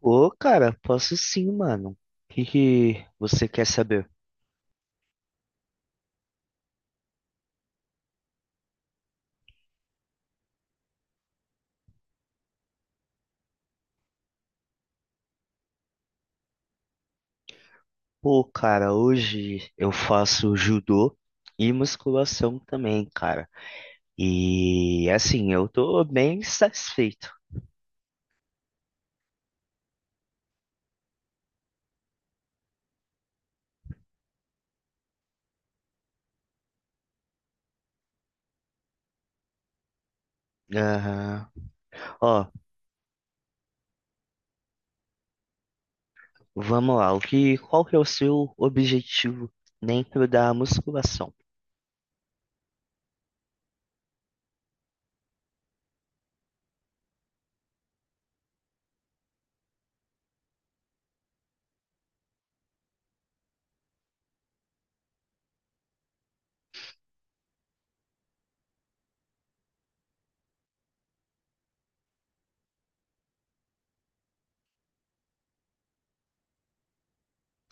Ô, cara, posso sim, mano. O que que você quer saber? Pô, cara, hoje eu faço judô e musculação também, cara. E assim, eu tô bem satisfeito. Aham. Ó, vamos lá. Qual que é o seu objetivo dentro da musculação?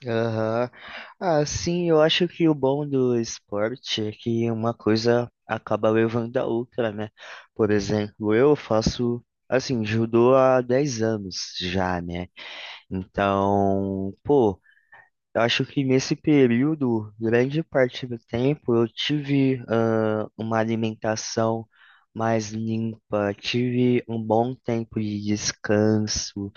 Aham. Assim, eu acho que o bom do esporte é que uma coisa acaba levando a outra, né? Por exemplo, eu faço, assim, judô há 10 anos já, né? Então, pô, eu acho que nesse período, grande parte do tempo, eu tive, uma alimentação mais limpa, tive um bom tempo de descanso,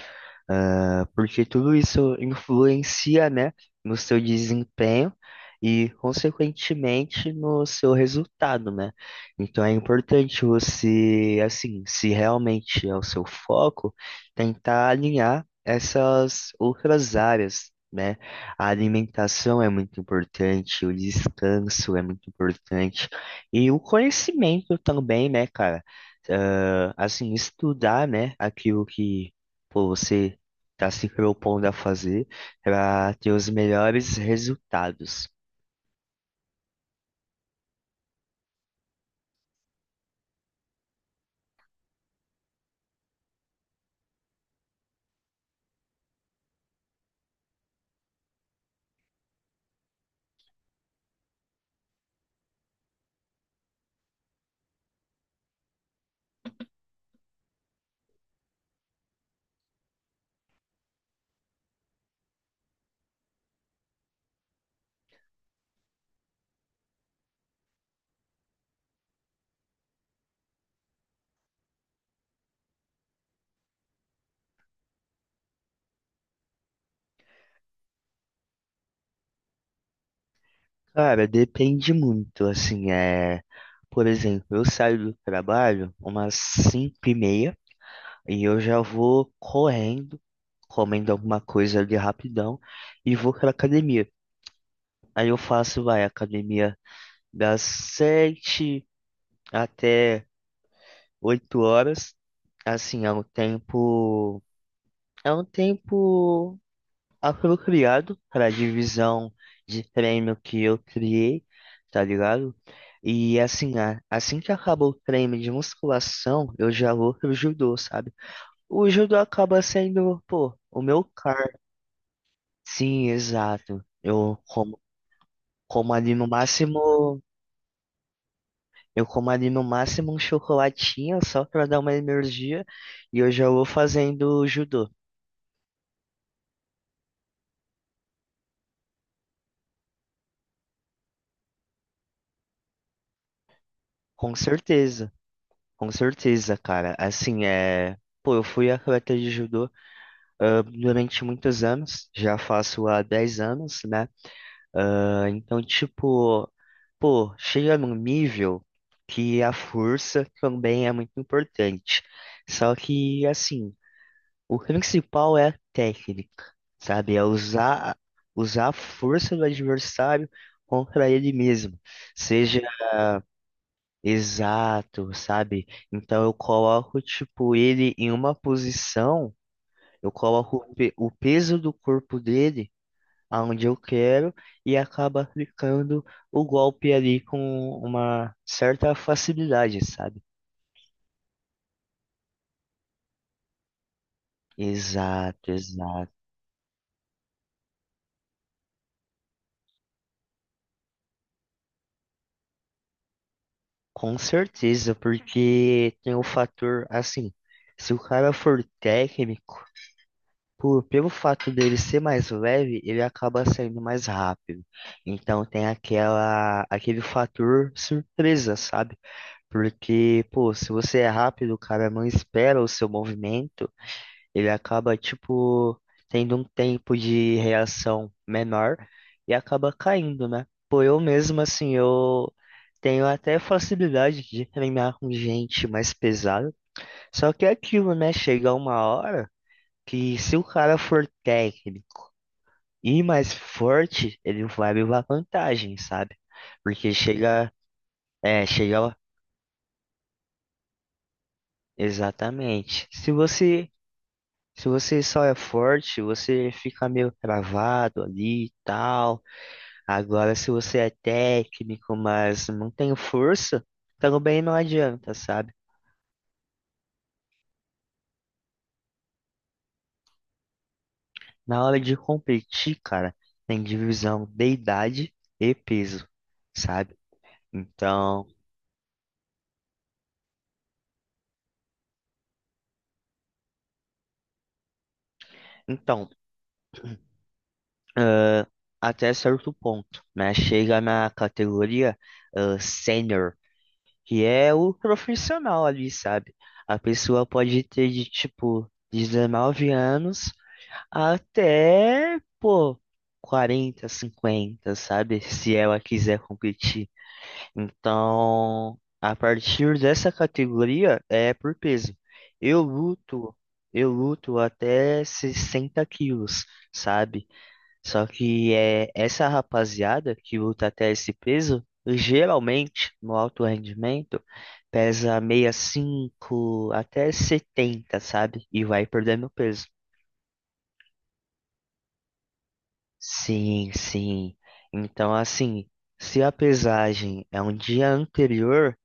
porque tudo isso influencia, né, no seu desempenho e, consequentemente, no seu resultado, né? Então é importante você, assim, se realmente é o seu foco, tentar alinhar essas outras áreas. Né? A alimentação é muito importante, o descanso é muito importante e o conhecimento também, né, cara? Assim, estudar, né, aquilo que pô, você tá se propondo a fazer para ter os melhores resultados. Cara, depende muito, assim, Por exemplo, eu saio do trabalho umas 5h30 e eu já vou correndo, comendo alguma coisa ali rapidão e vou pra academia. Aí eu faço, vai, academia das sete até 8 horas. Assim, é um tempo apropriado para a divisão de treino que eu criei, tá ligado? E assim, assim que acaba o treino de musculação, eu já vou pro judô, sabe? O judô acaba sendo, pô, o meu car. Sim, exato. Como ali no máximo, eu como ali no máximo um chocolatinho só para dar uma energia e eu já vou fazendo judô. Com certeza, com certeza, cara. Assim, pô, eu fui atleta de judô durante muitos anos, já faço há 10 anos, né? Então, tipo, pô, chega num nível que a força também é muito importante. Só que, assim, o principal é a técnica, sabe? É usar a força do adversário contra ele mesmo. Seja Exato, sabe? Então, eu coloco, tipo, ele em uma posição. Eu coloco o peso do corpo dele aonde eu quero e acaba aplicando o golpe ali com uma certa facilidade, sabe? Exato, exato. Com certeza, porque tem o fator assim, se o cara for técnico, pelo fato dele ser mais leve, ele acaba saindo mais rápido. Então tem aquele fator surpresa, sabe? Porque, pô, se você é rápido, o cara não espera o seu movimento. Ele acaba, tipo, tendo um tempo de reação menor e acaba caindo, né? Pô, eu mesmo, assim, eu tenho até facilidade de treinar com gente mais pesada, só que é aquilo, né? Chega uma hora que se o cara for técnico e mais forte, ele vai levar vantagem, sabe? Porque chega, é, chega, lá- Exatamente. Se você só é forte, você fica meio travado ali e tal. Agora, se você é técnico, mas não tem força, também não adianta, sabe? Na hora de competir, cara, tem divisão de idade e peso, sabe? Então, então, ãh, até certo ponto, né? Chega na categoria, sênior, que é o profissional ali, sabe? A pessoa pode ter de tipo 19 anos até, pô, 40, 50, sabe? Se ela quiser competir. Então, a partir dessa categoria é por peso. Eu luto, eu luto até 60 quilos, sabe? Só que é essa rapaziada que luta até esse peso, geralmente no alto rendimento, pesa 65 até 70, sabe? E vai perdendo peso. Sim, sim. Então, assim, se a pesagem é um dia anterior,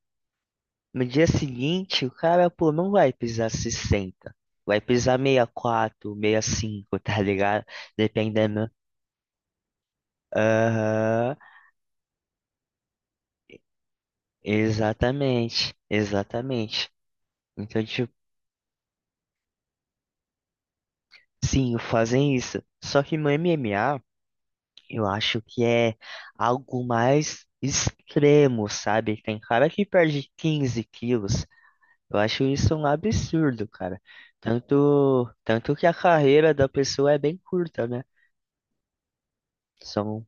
no dia seguinte o cara, pô, não vai pisar 60. Vai pisar 64, cinco tá ligado? Dependendo. Aham, exatamente, exatamente. Então, tipo, sim, fazem isso. Só que no MMA, eu acho que é algo mais extremo, sabe? Tem cara que perde 15 quilos. Eu acho isso um absurdo, cara. Tanto que a carreira da pessoa é bem curta, né? São,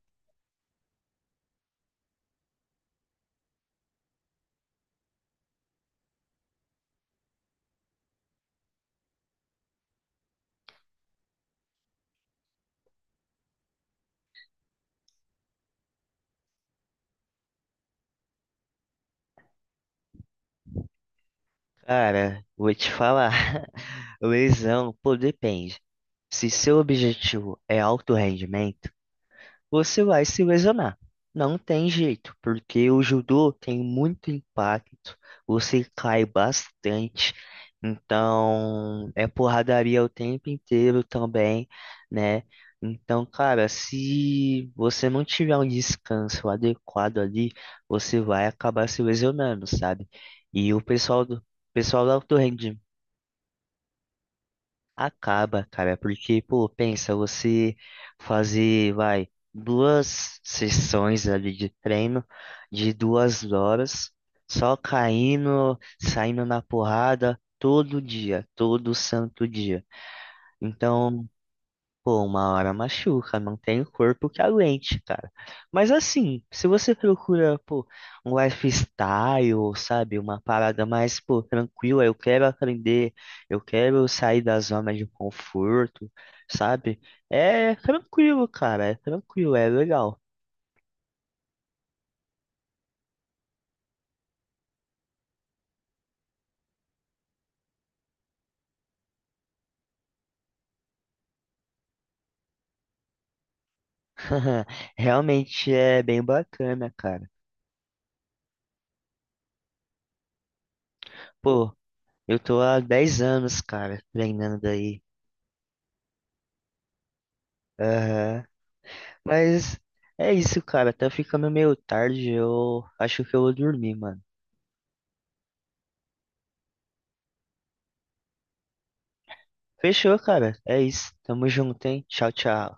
cara, vou te falar, lesão, pô, depende. Se seu objetivo é alto rendimento, você vai se lesionar. Não tem jeito, porque o judô tem muito impacto, você cai bastante, então é porradaria o tempo inteiro também, né? Então, cara, se você não tiver um descanso adequado ali, você vai acabar se lesionando, sabe? O pessoal do alto. Acaba, cara, porque, pô, pensa, você fazer, vai, duas sessões ali de treino de 2 horas, só caindo, saindo na porrada todo dia, todo santo dia. Então, pô, uma hora machuca, não tem corpo que aguente, cara. Mas assim, se você procura, pô, um lifestyle, sabe, uma parada mais, pô, tranquila, eu quero aprender, eu quero sair da zona de conforto, sabe? É tranquilo, cara, é tranquilo, é legal. Realmente é bem bacana, cara. Pô, eu tô há 10 anos, cara, treinando aí. Mas é isso, cara. Tá ficando meio tarde. Eu acho que eu vou dormir, mano. Fechou, cara. É isso. Tamo junto, hein? Tchau, tchau.